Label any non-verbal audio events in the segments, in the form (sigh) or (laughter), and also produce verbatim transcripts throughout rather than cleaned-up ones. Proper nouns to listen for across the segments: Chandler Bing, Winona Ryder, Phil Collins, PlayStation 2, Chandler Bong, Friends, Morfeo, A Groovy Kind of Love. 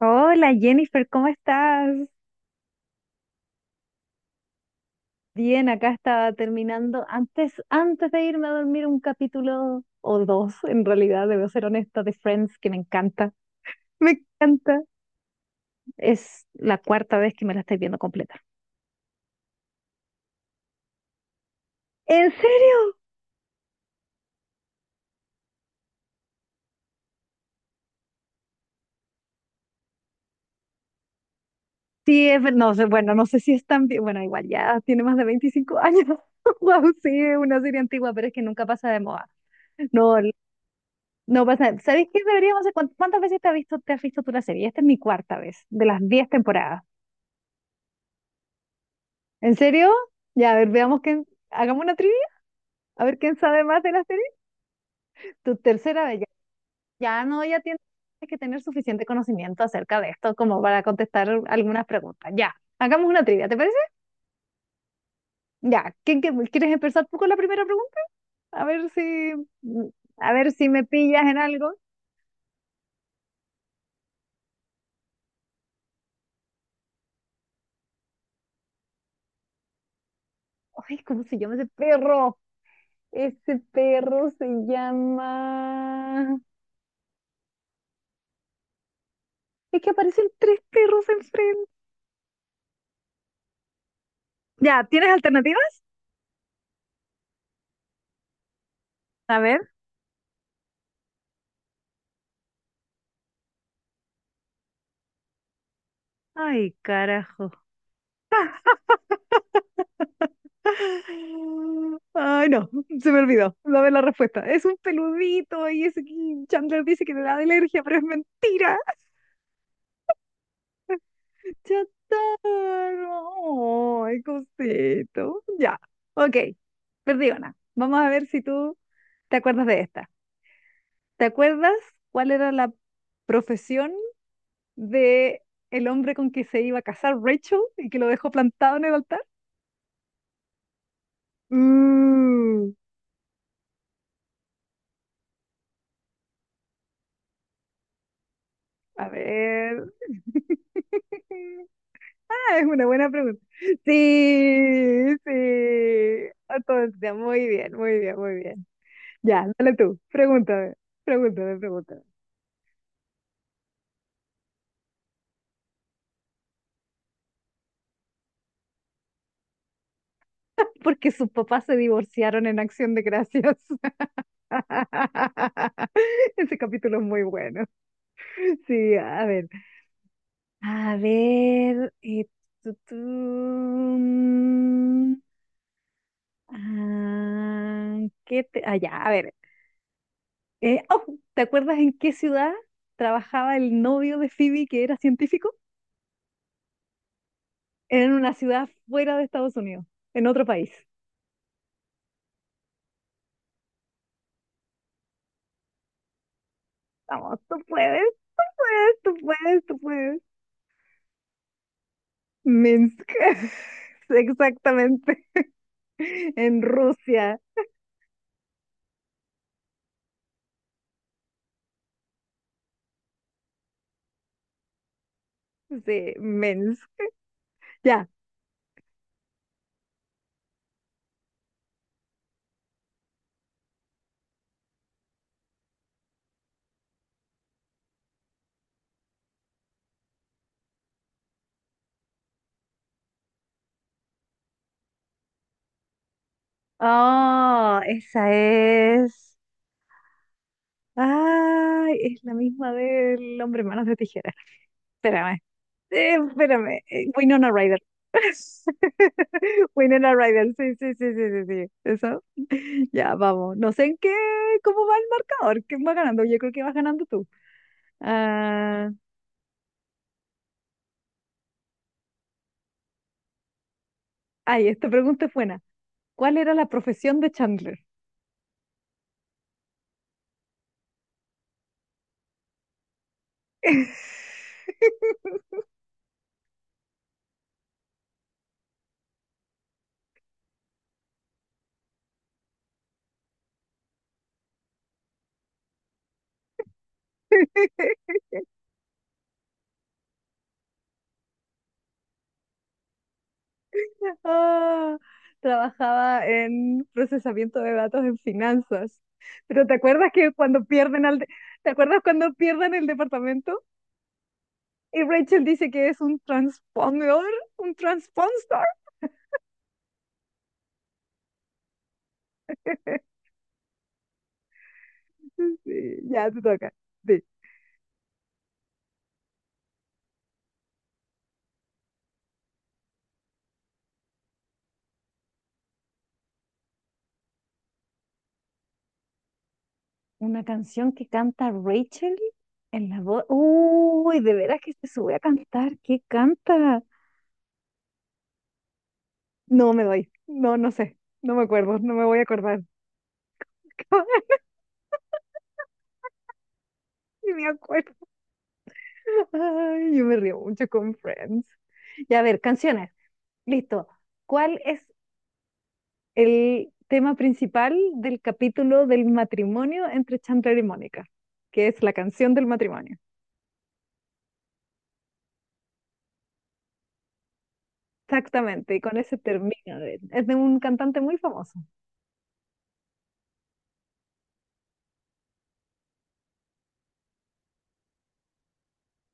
Hola Jennifer, ¿cómo estás? Bien, acá estaba terminando antes, antes de irme a dormir un capítulo o dos, en realidad, debo ser honesta, de Friends, que me encanta. Me encanta. Es la cuarta vez que me la estoy viendo completa. ¿En serio? Sí, es, ver- no sé, bueno, no sé si es tan, vie- bueno, igual ya tiene más de veinticinco años. (laughs) Wow, sí, es una serie antigua, pero es que nunca pasa de moda. No, l- no pasa. ¿Sabéis qué deberíamos hacer? ¿Cuán- ¿Cuántas veces te has visto, te has visto tú la serie? Esta es mi cuarta vez, de las diez temporadas. ¿En serio? Ya, a ver, veamos quién. Hagamos una trivia, a ver quién sabe más de la serie. Tu tercera vez. Ya, ya no, ya tienes que tener suficiente conocimiento acerca de esto como para contestar algunas preguntas. Ya, hagamos una trivia, ¿te parece? Ya, ¿quién, qué- quieres empezar tú con la primera pregunta? A ver si, a ver si me pillas en algo. Ay, ¿cómo se llama ese perro? Ese perro se llama... Es que aparecen tres perros enfrente. Ya, ¿tienes alternativas? A ver. Ay, carajo. Ay, no, se me olvidó. Dame la respuesta. Es un peludito y ese que Chandler dice que le da alergia, pero es mentira. Chatarro. Ay, cosito. Ya. Ok. Perdí una. Vamos a ver si tú te acuerdas de esta. ¿Te acuerdas cuál era la profesión de el hombre con que se iba a casar Rachel y que lo dejó plantado en el altar? Uh, a ver. (laughs) (laughs) Es una buena pregunta. Sí, sí. Entonces, muy bien, muy bien, muy bien. Ya, dale tú. Pregúntame, pregúntame, pregúntame. Porque sus papás se divorciaron en Acción de Gracias. (laughs) Ese capítulo es muy bueno. Sí, a ver. A ver. eh, tu, tu, mm, ah, ¿qué te... Ah, ya, a ver. Eh, oh, ¿te acuerdas en qué ciudad trabajaba el novio de Phoebe que era científico? Era en una ciudad fuera de Estados Unidos, en otro país. Vamos, tú puedes, tú puedes, tú puedes. Minsk. (laughs) Exactamente. En Rusia. Sí, Minsk. Ya. Oh, esa es. Ay, es la misma del hombre manos de tijera. Espérame. Eh, espérame, eh, Winona Ryder. (laughs) Winona Ryder, sí, sí, sí, sí, sí, sí. Eso. (laughs) Ya, vamos. No sé en qué, cómo va el marcador, quién va ganando. Yo creo que vas ganando tú. Ah, ay, esta pregunta es buena. ¿Cuál era la profesión de Chandler? (laughs) Ah, trabajaba en procesamiento de datos en finanzas. Pero ¿te acuerdas que cuando pierden al de- ¿te acuerdas cuando pierden el departamento? Y Rachel dice que es un transpondedor, un transponstar. Sí, ya te toca. Sí. Una canción que canta Rachel en la voz. Uy, de veras que se sube a cantar. ¿Qué canta? No me doy. No, no sé. No me acuerdo. No me voy a acordar. (laughs) Ni me acuerdo. Ay, yo me río mucho con Friends. Ya a ver, canciones. Listo. ¿Cuál es el tema principal del capítulo del matrimonio entre Chandler y Mónica, que es la canción del matrimonio? Exactamente, y con ese termina. de- Es de un cantante muy famoso.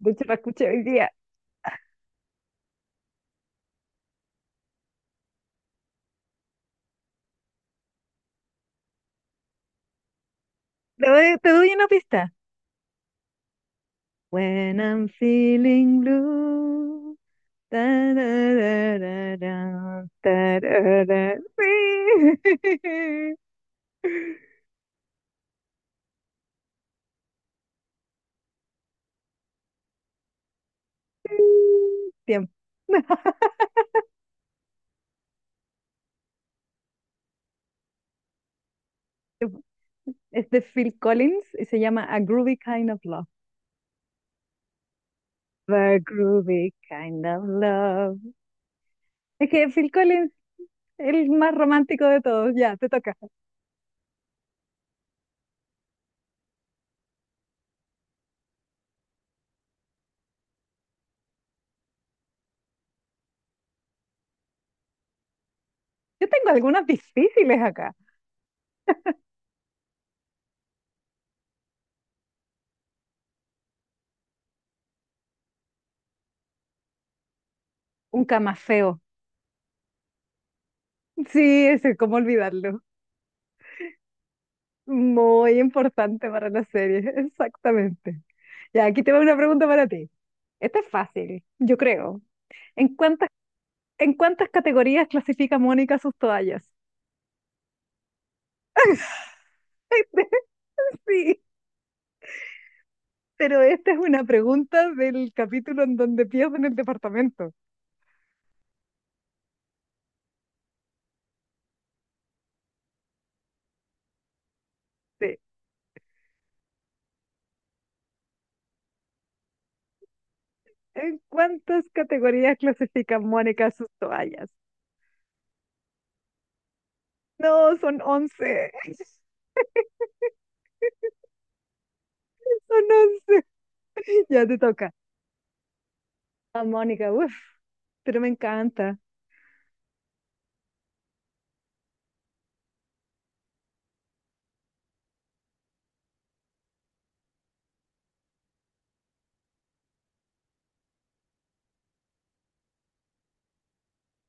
De hecho, la escuché hoy día. Te doy, te doy una pista. When I'm feeling blue. Ta, ra, ra, ra, ra, ta, ra, ra. Sí. (laughs) Tiempo. (laughs) Es de Phil Collins y se llama A Groovy Kind of Love. A Groovy Kind of Love. Es que Phil Collins es el más romántico de todos. Ya, te toca. Yo tengo algunas difíciles acá. Un camafeo. Sí, ese, cómo olvidarlo. Muy importante para la serie, (laughs) exactamente. Ya, aquí te va una pregunta para ti. Esta es fácil, yo creo. ¿En cuántas, en cuántas categorías clasifica Mónica sus toallas? (laughs) Sí, pero esta es una pregunta del capítulo en donde pierden el departamento. Sí. ¿En cuántas categorías clasifica Mónica sus toallas? No, son once. (laughs) Son once. Ya te toca. Ah, Mónica, uff, pero me encanta.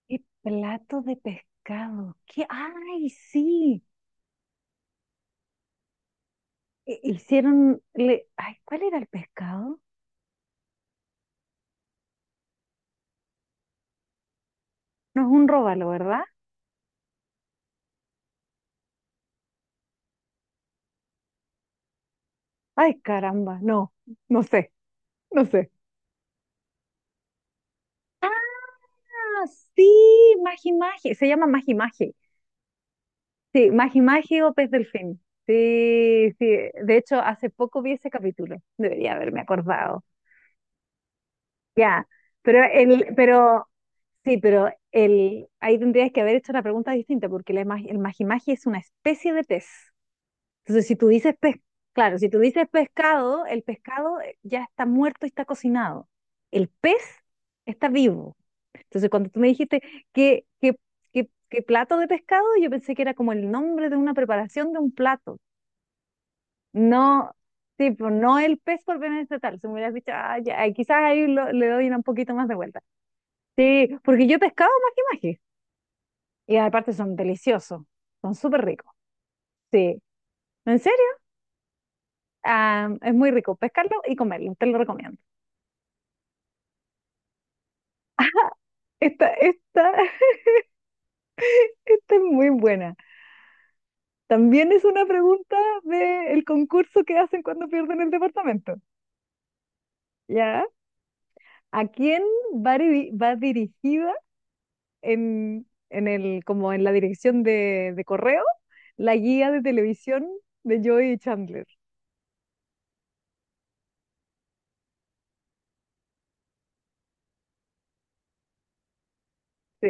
Y plato de pescado. ¿Qué? ¡Ay, sí! Hi- Hicieron. Le... Ay, ¿cuál era el pescado? No es un róbalo, ¿verdad? Ay, caramba, no, no sé, no sé. Ah, sí, Magi Magi, se llama Magi Magi. Sí, Magi Magi o Pez Delfín. Sí, sí, de hecho, hace poco vi ese capítulo, debería haberme acordado. Ya, pero el, pero sí, pero el, ahí tendrías que haber hecho una pregunta distinta, porque la ima- el magimagi es una especie de pez. Entonces, si tú dices pez, claro, si tú dices pescado, el pescado eh, ya está muerto y está cocinado. El pez está vivo. Entonces, cuando tú me dijiste que, qué, qué, qué, plato de pescado, yo pensé que era como el nombre de una preparación de un plato. No, sí, pero no el pez por bienestar. Si me hubieras dicho, ah, ya, eh, quizás ahí lo- le doy una un poquito más de vuelta. Sí, porque yo he pescado maje maje. Y aparte son deliciosos. Son súper ricos. Sí. ¿En serio? Ah, es muy rico pescarlo y comerlo. Te lo recomiendo. Esta, esta, (laughs) esta es muy buena. También es una pregunta del concurso que hacen cuando pierden el departamento. ¿Ya? ¿A quién va, diri- va dirigida en, en el, como en la dirección de, de correo la guía de televisión de Joey y Chandler? Sí.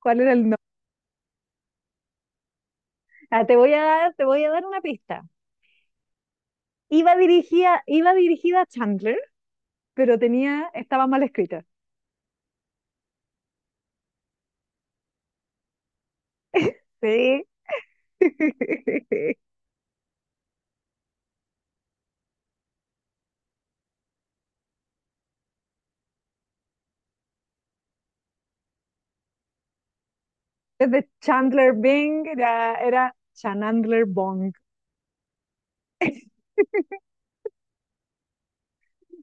¿Cuál era el Ah, te voy a dar, te voy a dar una pista. Iba dirigida, iba dirigida a Chandler, pero tenía, estaba mal escrita. Sí. (laughs) Es de Chandler Bing, era, era Chandler Bong.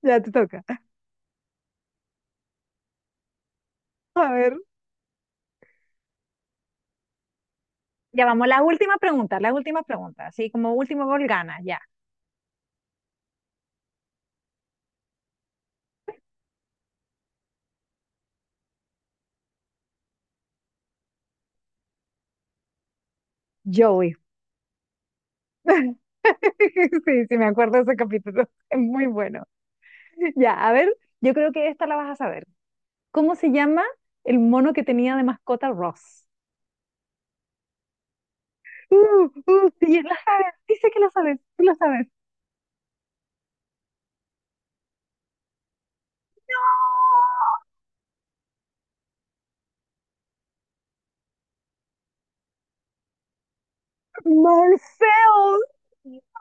Ya te toca. A ver. Ya vamos, las últimas preguntas, las últimas preguntas. Así como último gol gana, ya. Joey. (laughs) Sí, sí, me acuerdo de ese capítulo. Es muy bueno. Ya, a ver, yo creo que esta la vas a saber. ¿Cómo se llama el mono que tenía de mascota Ross? Uh, uh, sí, lo sabes, dice que lo sabes, tú lo sabes. Morfeo.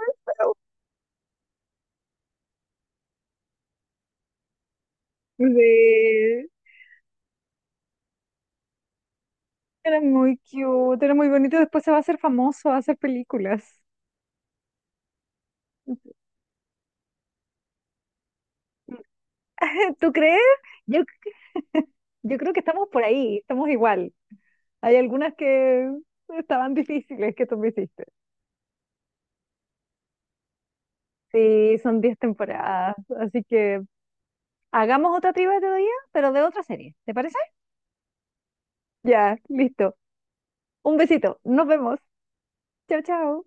Morfeo. Sí, era muy cute, era muy bonito. Después se va a hacer famoso, va a hacer películas. (laughs) ¿Tú crees? Yo, yo creo que estamos por ahí, estamos igual. Hay algunas que estaban difíciles que tú me hiciste. Sí, son diez temporadas, así que hagamos otra trivia otro día, pero de otra serie, ¿te parece? Ya, listo. Un besito, nos vemos. Chao, chao.